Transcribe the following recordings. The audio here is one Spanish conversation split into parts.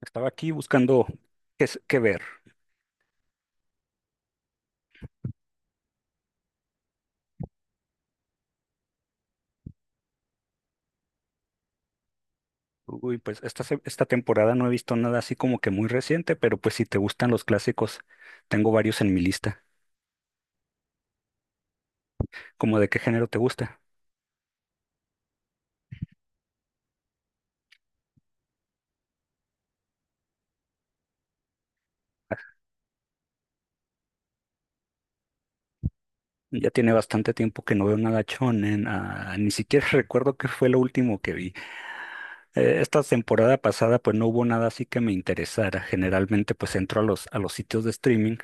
Estaba aquí buscando qué ver. Uy, pues esta temporada no he visto nada así como que muy reciente, pero pues si te gustan los clásicos, tengo varios en mi lista. ¿Cómo de qué género te gusta? Ya tiene bastante tiempo que no veo nada shonen, ah, ni siquiera recuerdo qué fue lo último que vi. Esta temporada pasada pues no hubo nada así que me interesara. Generalmente pues entro a los sitios de streaming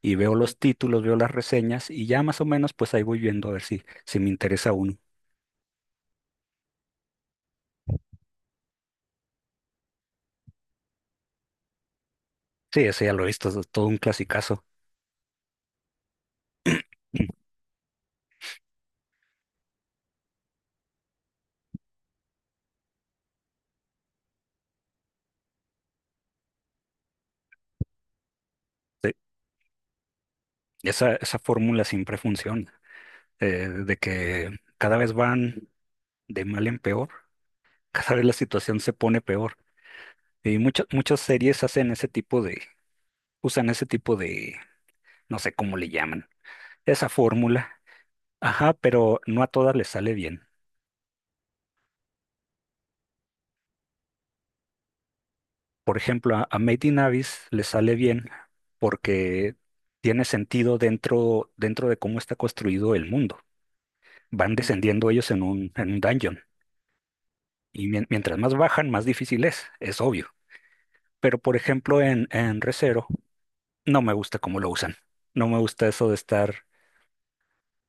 y veo los títulos, veo las reseñas y ya más o menos pues ahí voy viendo a ver si me interesa uno. Sí, ese ya lo he visto, es todo un clasicazo. Sí, esa fórmula siempre funciona, de que cada vez van de mal en peor, cada vez la situación se pone peor. Y muchas series hacen ese tipo de, usan ese tipo de, no sé cómo le llaman, esa fórmula. Ajá, pero no a todas les sale bien. Por ejemplo, a Made in Abyss le sale bien porque tiene sentido dentro de cómo está construido el mundo. Van descendiendo ellos en un dungeon. Y mientras más bajan, más difícil es obvio. Pero, por ejemplo, en Re:Zero no me gusta cómo lo usan. No me gusta eso de estar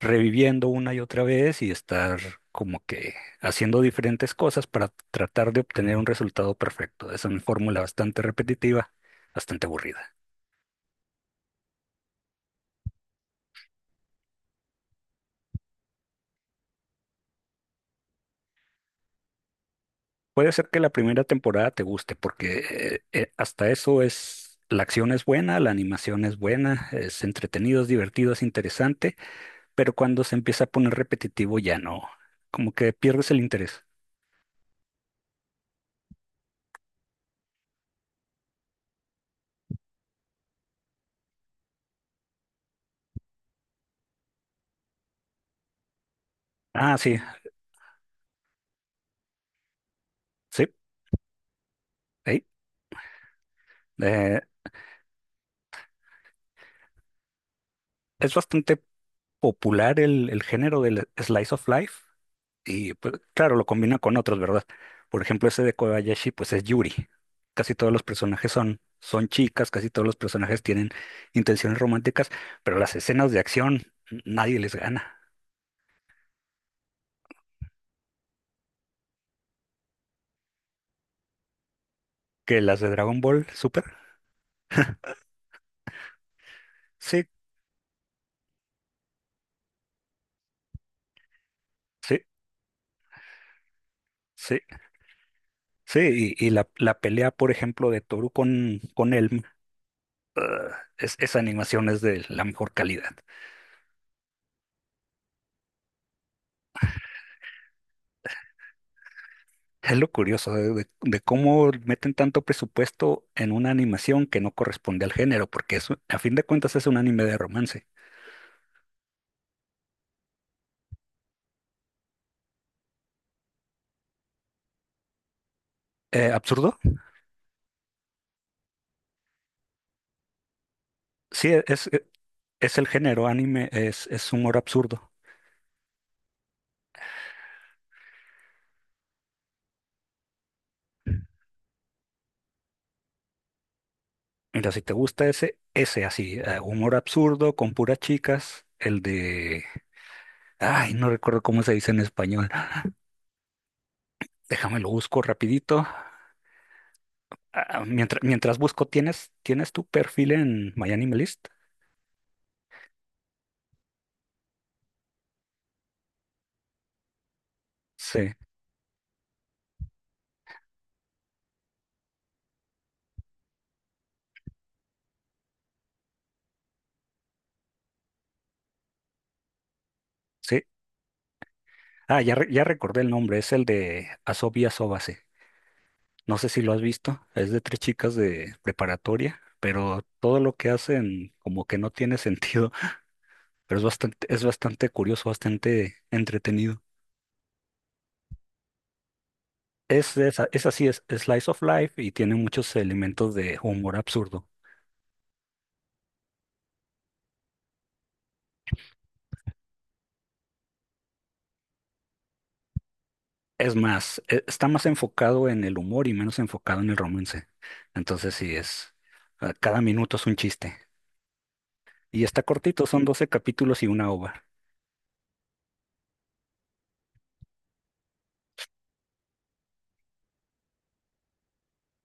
reviviendo una y otra vez y estar como que haciendo diferentes cosas para tratar de obtener un resultado perfecto. Es una fórmula bastante repetitiva, bastante aburrida. Puede ser que la primera temporada te guste porque hasta eso es... La acción es buena, la animación es buena, es entretenido, es divertido, es interesante, pero cuando se empieza a poner repetitivo ya no, como que pierdes el interés. Ah, sí. Sí, ahí. Eh, es bastante popular el género del slice of life y pues, claro, lo combina con otros, ¿verdad? Por ejemplo, ese de Kobayashi, pues es Yuri. Casi todos los personajes son chicas, casi todos los personajes tienen intenciones románticas, pero las escenas de acción nadie les gana. Que las de Dragon Ball Super, sí, sí, sí, sí. Y la pelea, por ejemplo, de Toru con Elm, ah, esa animación es de la mejor calidad. Es lo curioso de cómo meten tanto presupuesto en una animación que no corresponde al género, porque es, a fin de cuentas es un anime de romance. ¿Absurdo? Sí, es el género anime, es humor absurdo. Mira, si te gusta ese así, humor absurdo con puras chicas, el de... Ay, no recuerdo cómo se dice en español. Déjame lo busco rapidito. Ah, mientras busco, tienes tu perfil en MyAnimeList? Sí. Sí. Ah, ya recordé el nombre, es el de Asobi Asobase. No sé si lo has visto, es de tres chicas de preparatoria, pero todo lo que hacen como que no tiene sentido, pero es bastante curioso, bastante entretenido. Es así, es, slice of life y tiene muchos elementos de humor absurdo. Es más, está más enfocado en el humor y menos enfocado en el romance. Entonces sí, es, cada minuto es un chiste. Y está cortito, son 12 capítulos y una ova.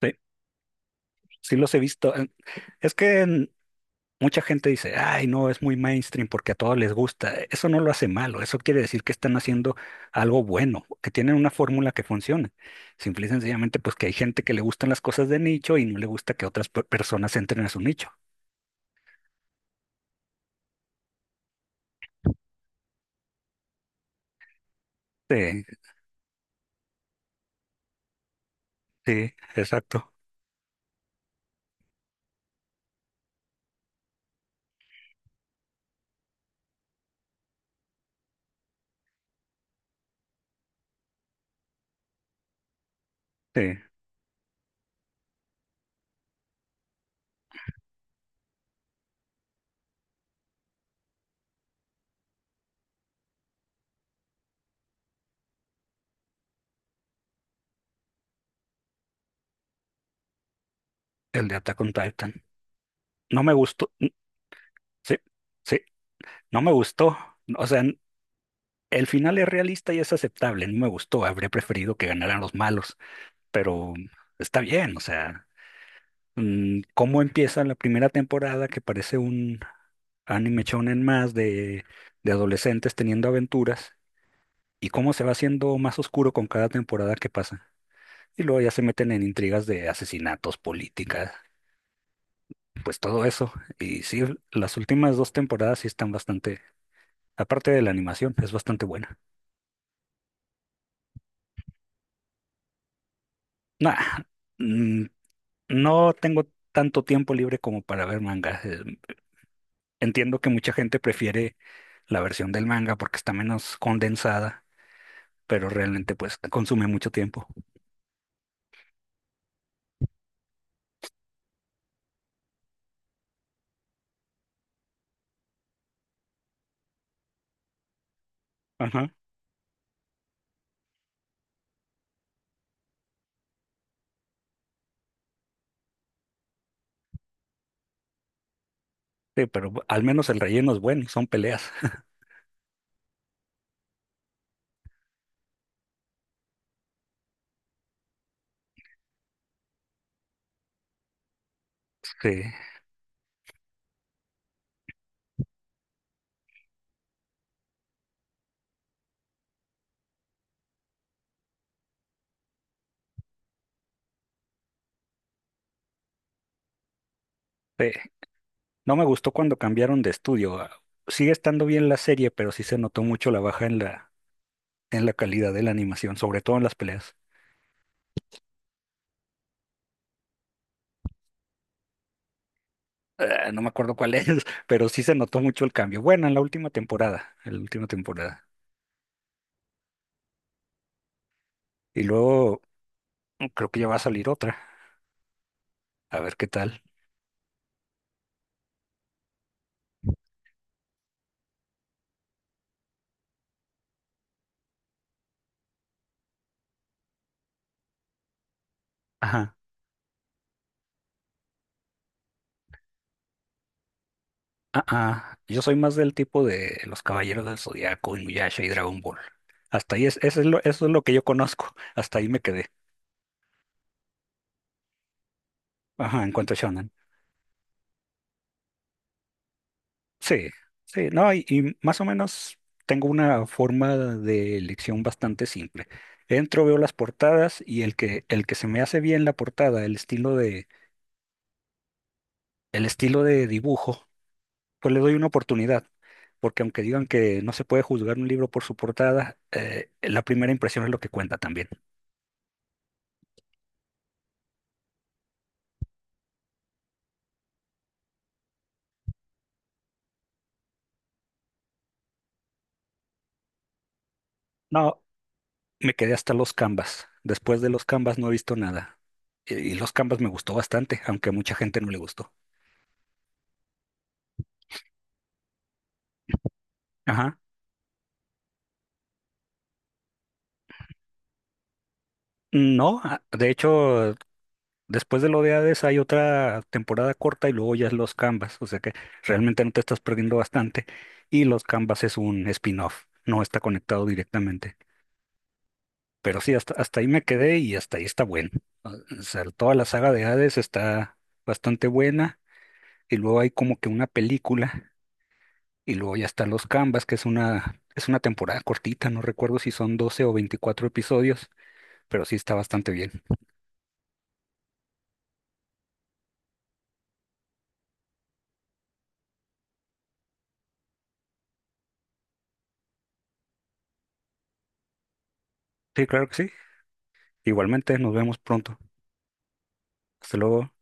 Sí, sí los he visto. Es que mucha gente dice, ay, no, es muy mainstream porque a todos les gusta. Eso no lo hace malo, eso quiere decir que están haciendo algo bueno, que tienen una fórmula que funciona. Simple y sencillamente, pues que hay gente que le gustan las cosas de nicho y no le gusta que otras personas entren a su nicho. Sí, sí, exacto. Sí, el de Attack on Titan. No me gustó. Sí, sí, no me gustó. O sea, el final es realista y es aceptable. No me gustó. Habría preferido que ganaran los malos, pero está bien, o sea. Cómo empieza la primera temporada que parece un anime shonen más de adolescentes teniendo aventuras y cómo se va haciendo más oscuro con cada temporada que pasa. Y luego ya se meten en intrigas de asesinatos, políticas, pues todo eso. Y sí, las últimas 2 temporadas sí están bastante, aparte de la animación, es bastante buena. Nah, mm, no tengo tanto tiempo libre como para ver manga. Entiendo que mucha gente prefiere la versión del manga porque está menos condensada pero realmente pues consume mucho tiempo. Ajá. Sí, pero al menos el relleno es bueno, son peleas. Sí, sí. No me gustó cuando cambiaron de estudio. Ah, sigue estando bien la serie, pero sí se notó mucho la baja en en la calidad de la animación, sobre todo en las peleas. Ah, no me acuerdo cuál es, pero sí se notó mucho el cambio. Bueno, en la última temporada, en la última temporada. Y luego creo que ya va a salir otra. A ver qué tal. ajá. Ah, ah, yo soy más del tipo de los Caballeros del Zodiaco, Inuyasha y Dragon Ball. Hasta ahí es, eso es lo que yo conozco. Hasta ahí me quedé. Ajá, en cuanto a shonen. Sí, sí, no, y más o menos tengo una forma de elección bastante simple. Entro, veo las portadas y el que se me hace bien la portada, el estilo de dibujo, pues le doy una oportunidad. Porque aunque digan que no se puede juzgar un libro por su portada, la primera impresión es lo que cuenta también. No, me quedé hasta los Canvas. Después de los Canvas no he visto nada. Y los Canvas me gustó bastante, aunque a mucha gente no le gustó. Ajá. No, de hecho, después de lo de Hades hay otra temporada corta y luego ya es los Canvas. O sea que realmente no te estás perdiendo bastante. Y los Canvas es un spin-off, no está conectado directamente. Pero sí, hasta ahí me quedé y hasta ahí está bueno. O o sea, toda la saga de Hades está bastante buena. Y luego hay como que una película. Y luego ya están los Canvas, que es es una temporada cortita, no recuerdo si son 12 o 24 episodios, pero sí está bastante bien. Sí, claro que sí. Igualmente, nos vemos pronto. Hasta luego.